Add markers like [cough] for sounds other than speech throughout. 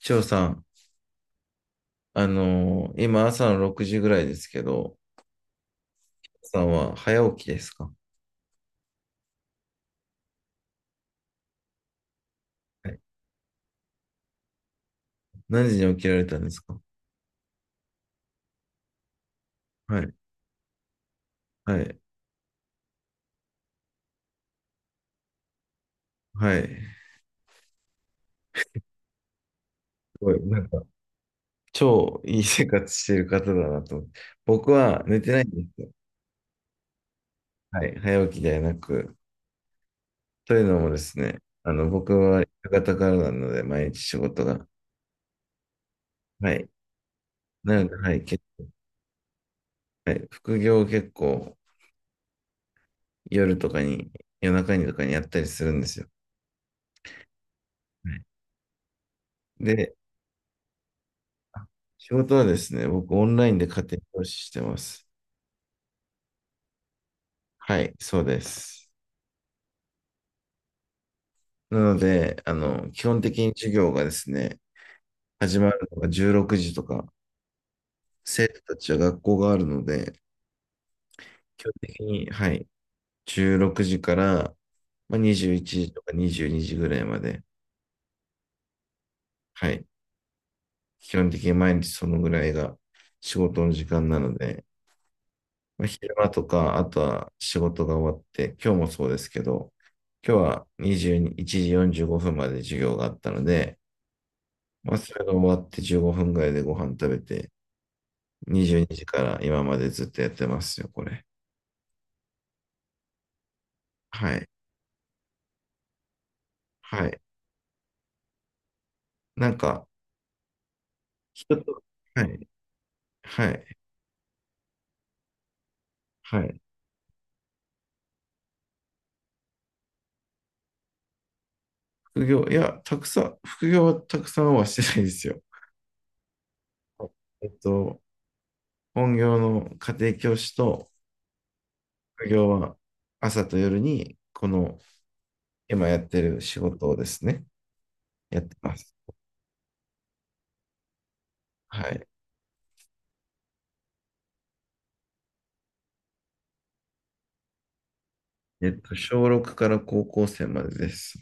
翔さん、今朝の6時ぐらいですけど、さんは早起きですか？はい。何時に起きられたんですか？はい、はい、はい。すごい、なんか、超いい生活してる方だなと思って。僕は寝てないんですよ。はい、早起きではなく。というのもですね、僕は夕方からなので、毎日仕事が。はい。なので、はい、はい、副業を結構夜とかに、夜中にとかにやったりするんですよ。はい。で、仕事はですね、僕オンラインで家庭教師してます。はい、そうです。なので、基本的に授業がですね、始まるのが16時とか、生徒たちは学校があるので、基本的に、はい、16時から、まあ、21時とか22時ぐらいまで、はい、基本的に毎日そのぐらいが仕事の時間なので、昼間とか、あとは仕事が終わって、今日もそうですけど、今日は21時45分まで授業があったので、まあ、それが終わって15分ぐらいでご飯食べて、22時から今までずっとやってますよ、これ。はい。はい。なんか、人と、はい。はい。はい。副業、いや、たくさん、副業はたくさんはしてないですよ。えっと、本業の家庭教師と副業は朝と夜にこの今やってる仕事をですね、やってます。はい。小6から高校生までです。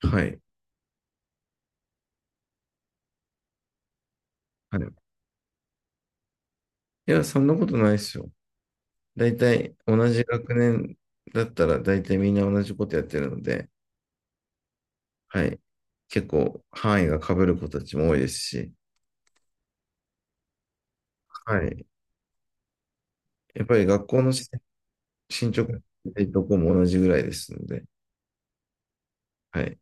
はい。はい、いや、そんなことないですよ。大体、同じ学年だったら、大体みんな同じことやってるので、はい。結構、範囲が被る子たちも多いですし、はい。やっぱり学校の進捗どこも同じぐらいですので、はい。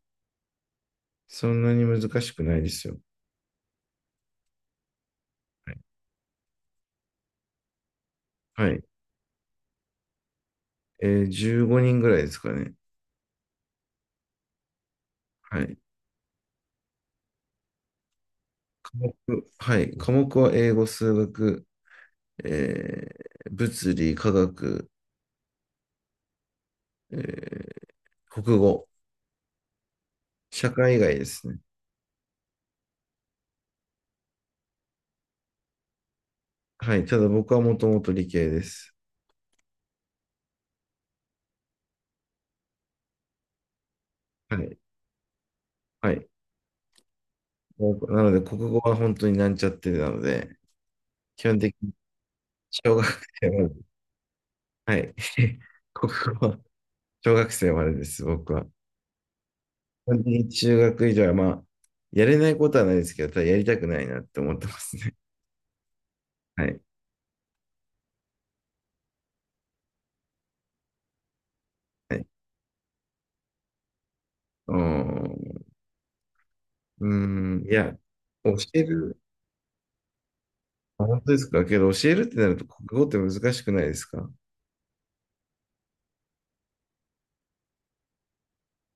そんなに難しくないですよ。はい。はい。15人ぐらいですかね。はい。科はい。科目は英語、数学、え物理、科学、えー国語、社会以外ですね。はい。ただ僕はもともと理系です。はい。はい。もうなので、国語は本当になんちゃってなので、基本的に小学生まで。はい。[laughs] 国語は小学生までです、僕は。基本的に中学以上は、まあ、やれないことはないですけど、ただやりたくないなって思ってますね。はい。はい。うん。うん、いや、教える。あ、本当ですか。けど、教えるってなると、国語って難しくないですか？は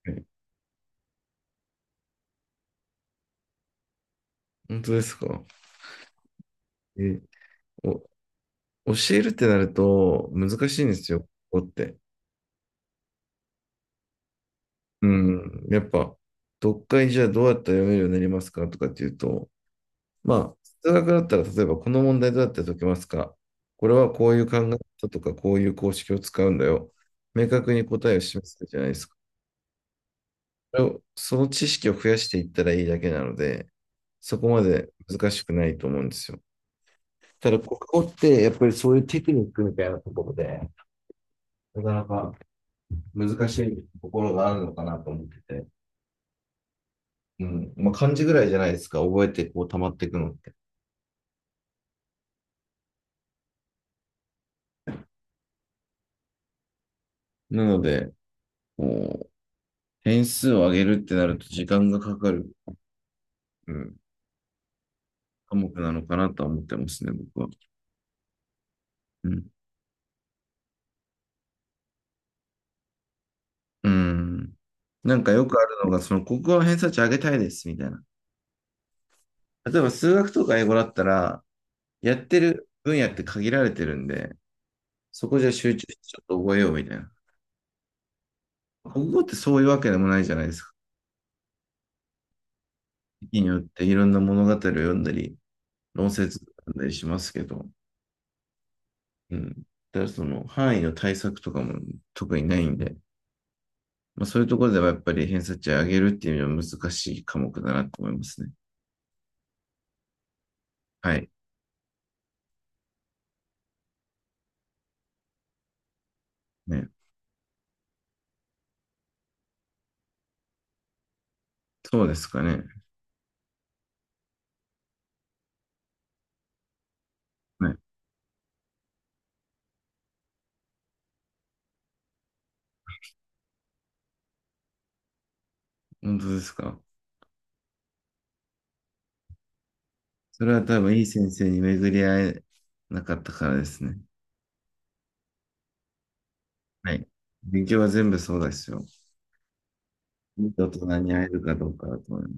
い。本当ですか？え、お、教えるってなると、難しいんですよ、国語って。うん、やっぱ、読解じゃあどうやったら読めるようになりますかとかっていうと、まあ、数学だったら、例えば、この問題どうやって解けますか？これはこういう考え方とか、こういう公式を使うんだよ。明確に答えを示すじゃないですか。それをその知識を増やしていったらいいだけなので、そこまで難しくないと思うんですよ。ただ、国語ってやっぱりそういうテクニックみたいなところで、なかなか難しいところがあるのかなと思ってて、うん。まあ、漢字ぐらいじゃないですか、覚えてこう溜まっていくのって。なので、こう、点数を上げるってなると時間がかかる、うん、科目なのかなとは思ってますね、僕は。うん。うん。なんかよくあるのが、その国語の偏差値上げたいです、みたいな。例えば数学とか英語だったら、やってる分野って限られてるんで、そこじゃ集中してちょっと覚えようみたいな。国語ってそういうわけでもないじゃないですか。時によっていろんな物語を読んだり、論説を読んだりしますけど、うん。だからその範囲の対策とかも特にないんで、まあ、そういうところではやっぱり偏差値を上げるっていうのは難しい科目だなと思いますね。はい。ね。そうですかね。はい。本当ですか。それは多分いい先生に巡り合えなかったからですね。はい。勉強は全部そうですよ。いい大人に会えるかどうかだと思います。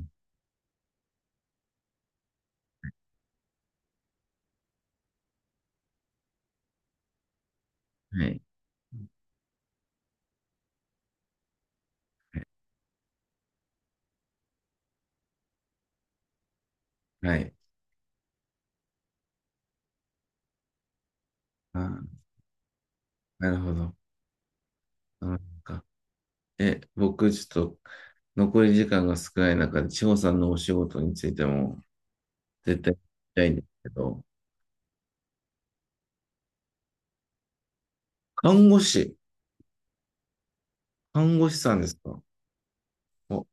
はい。はい。はい。あー、なるほど。あーなんか、僕、ちょっと、残り時間が少ない中で、千穂さんのお仕事についても、絶対聞きたいんですけど、看護師、看護師さんですか？お、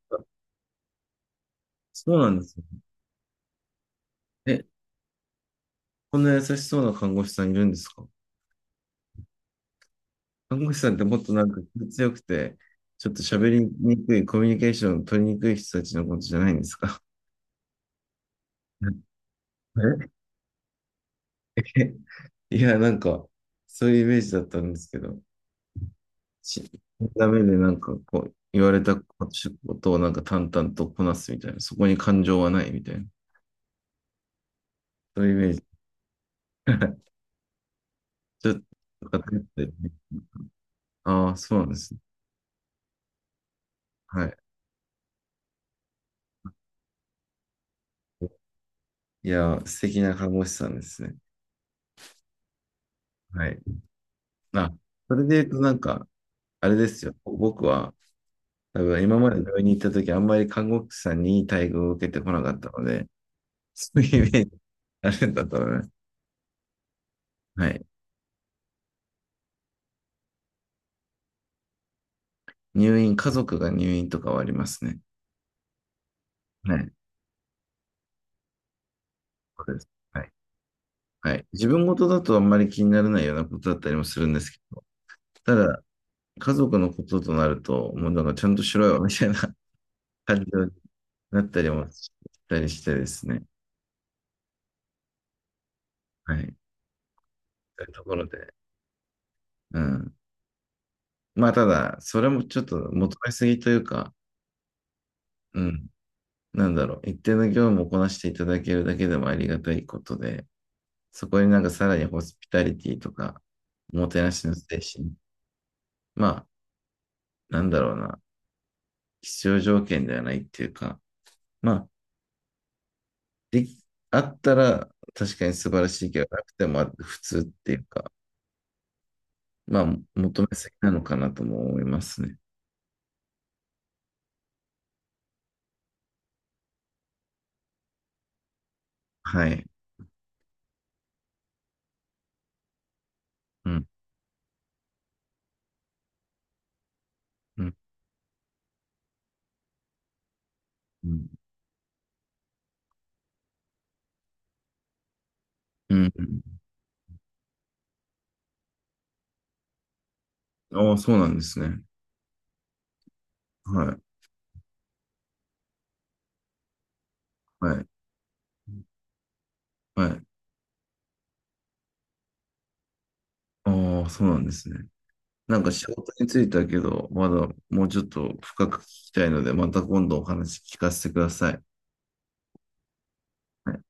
そうなんですね。え、こんな優しそうな看護師さんいるんですか？看護師さんってもっとなんか気強くて、ちょっと喋りにくい、コミュニケーション取りにくい人たちのことじゃないんですか？ [laughs] え、いや、なんか、そういうイメージだったんですけど、し、ダメでなんかこう、言われたことをなんか淡々とこなすみたいな、そこに感情はないみたいな、そういうイメージ。[laughs] ちょっと、偏ってるね。ああ、そうなんですね。はい。いや、素敵な看護師さんですね。はい。あ、それで言うとなんか、あれですよ。僕は、多分今まで病院に行った時、あんまり看護師さんにいい待遇を受けてこなかったので、そういうイメージあるんだったらね。はい。入院、家族が入院とかはありますね。はい。そうです。はい。はい。自分事だとあんまり気にならないようなことだったりもするんですけど、ただ、家族のこととなると、もうなんかちゃんとしろよ、みたいな [laughs] 感情になったりもしたりしてですね。はい。そういうところで。うん。まあ、ただ、それもちょっと求めすぎというか、うん。なんだろう。一定の業務をこなしていただけるだけでもありがたいことで、そこになんかさらにホスピタリティとか、おもてなしの精神。まあ、なんだろうな、必要条件ではないっていうか、まあ、でき、あったら確かに素晴らしいけど、なくても普通っていうか、まあ、求めすぎなのかなとも思いますね。はい。うん、うん、うん、うん。うん。ああ、そうなんですね。はい、はい、はい。ああ、そうなんですね。なんか仕事についてだけど、まだもうちょっと深く聞きたいので、また今度お話聞かせてください。はい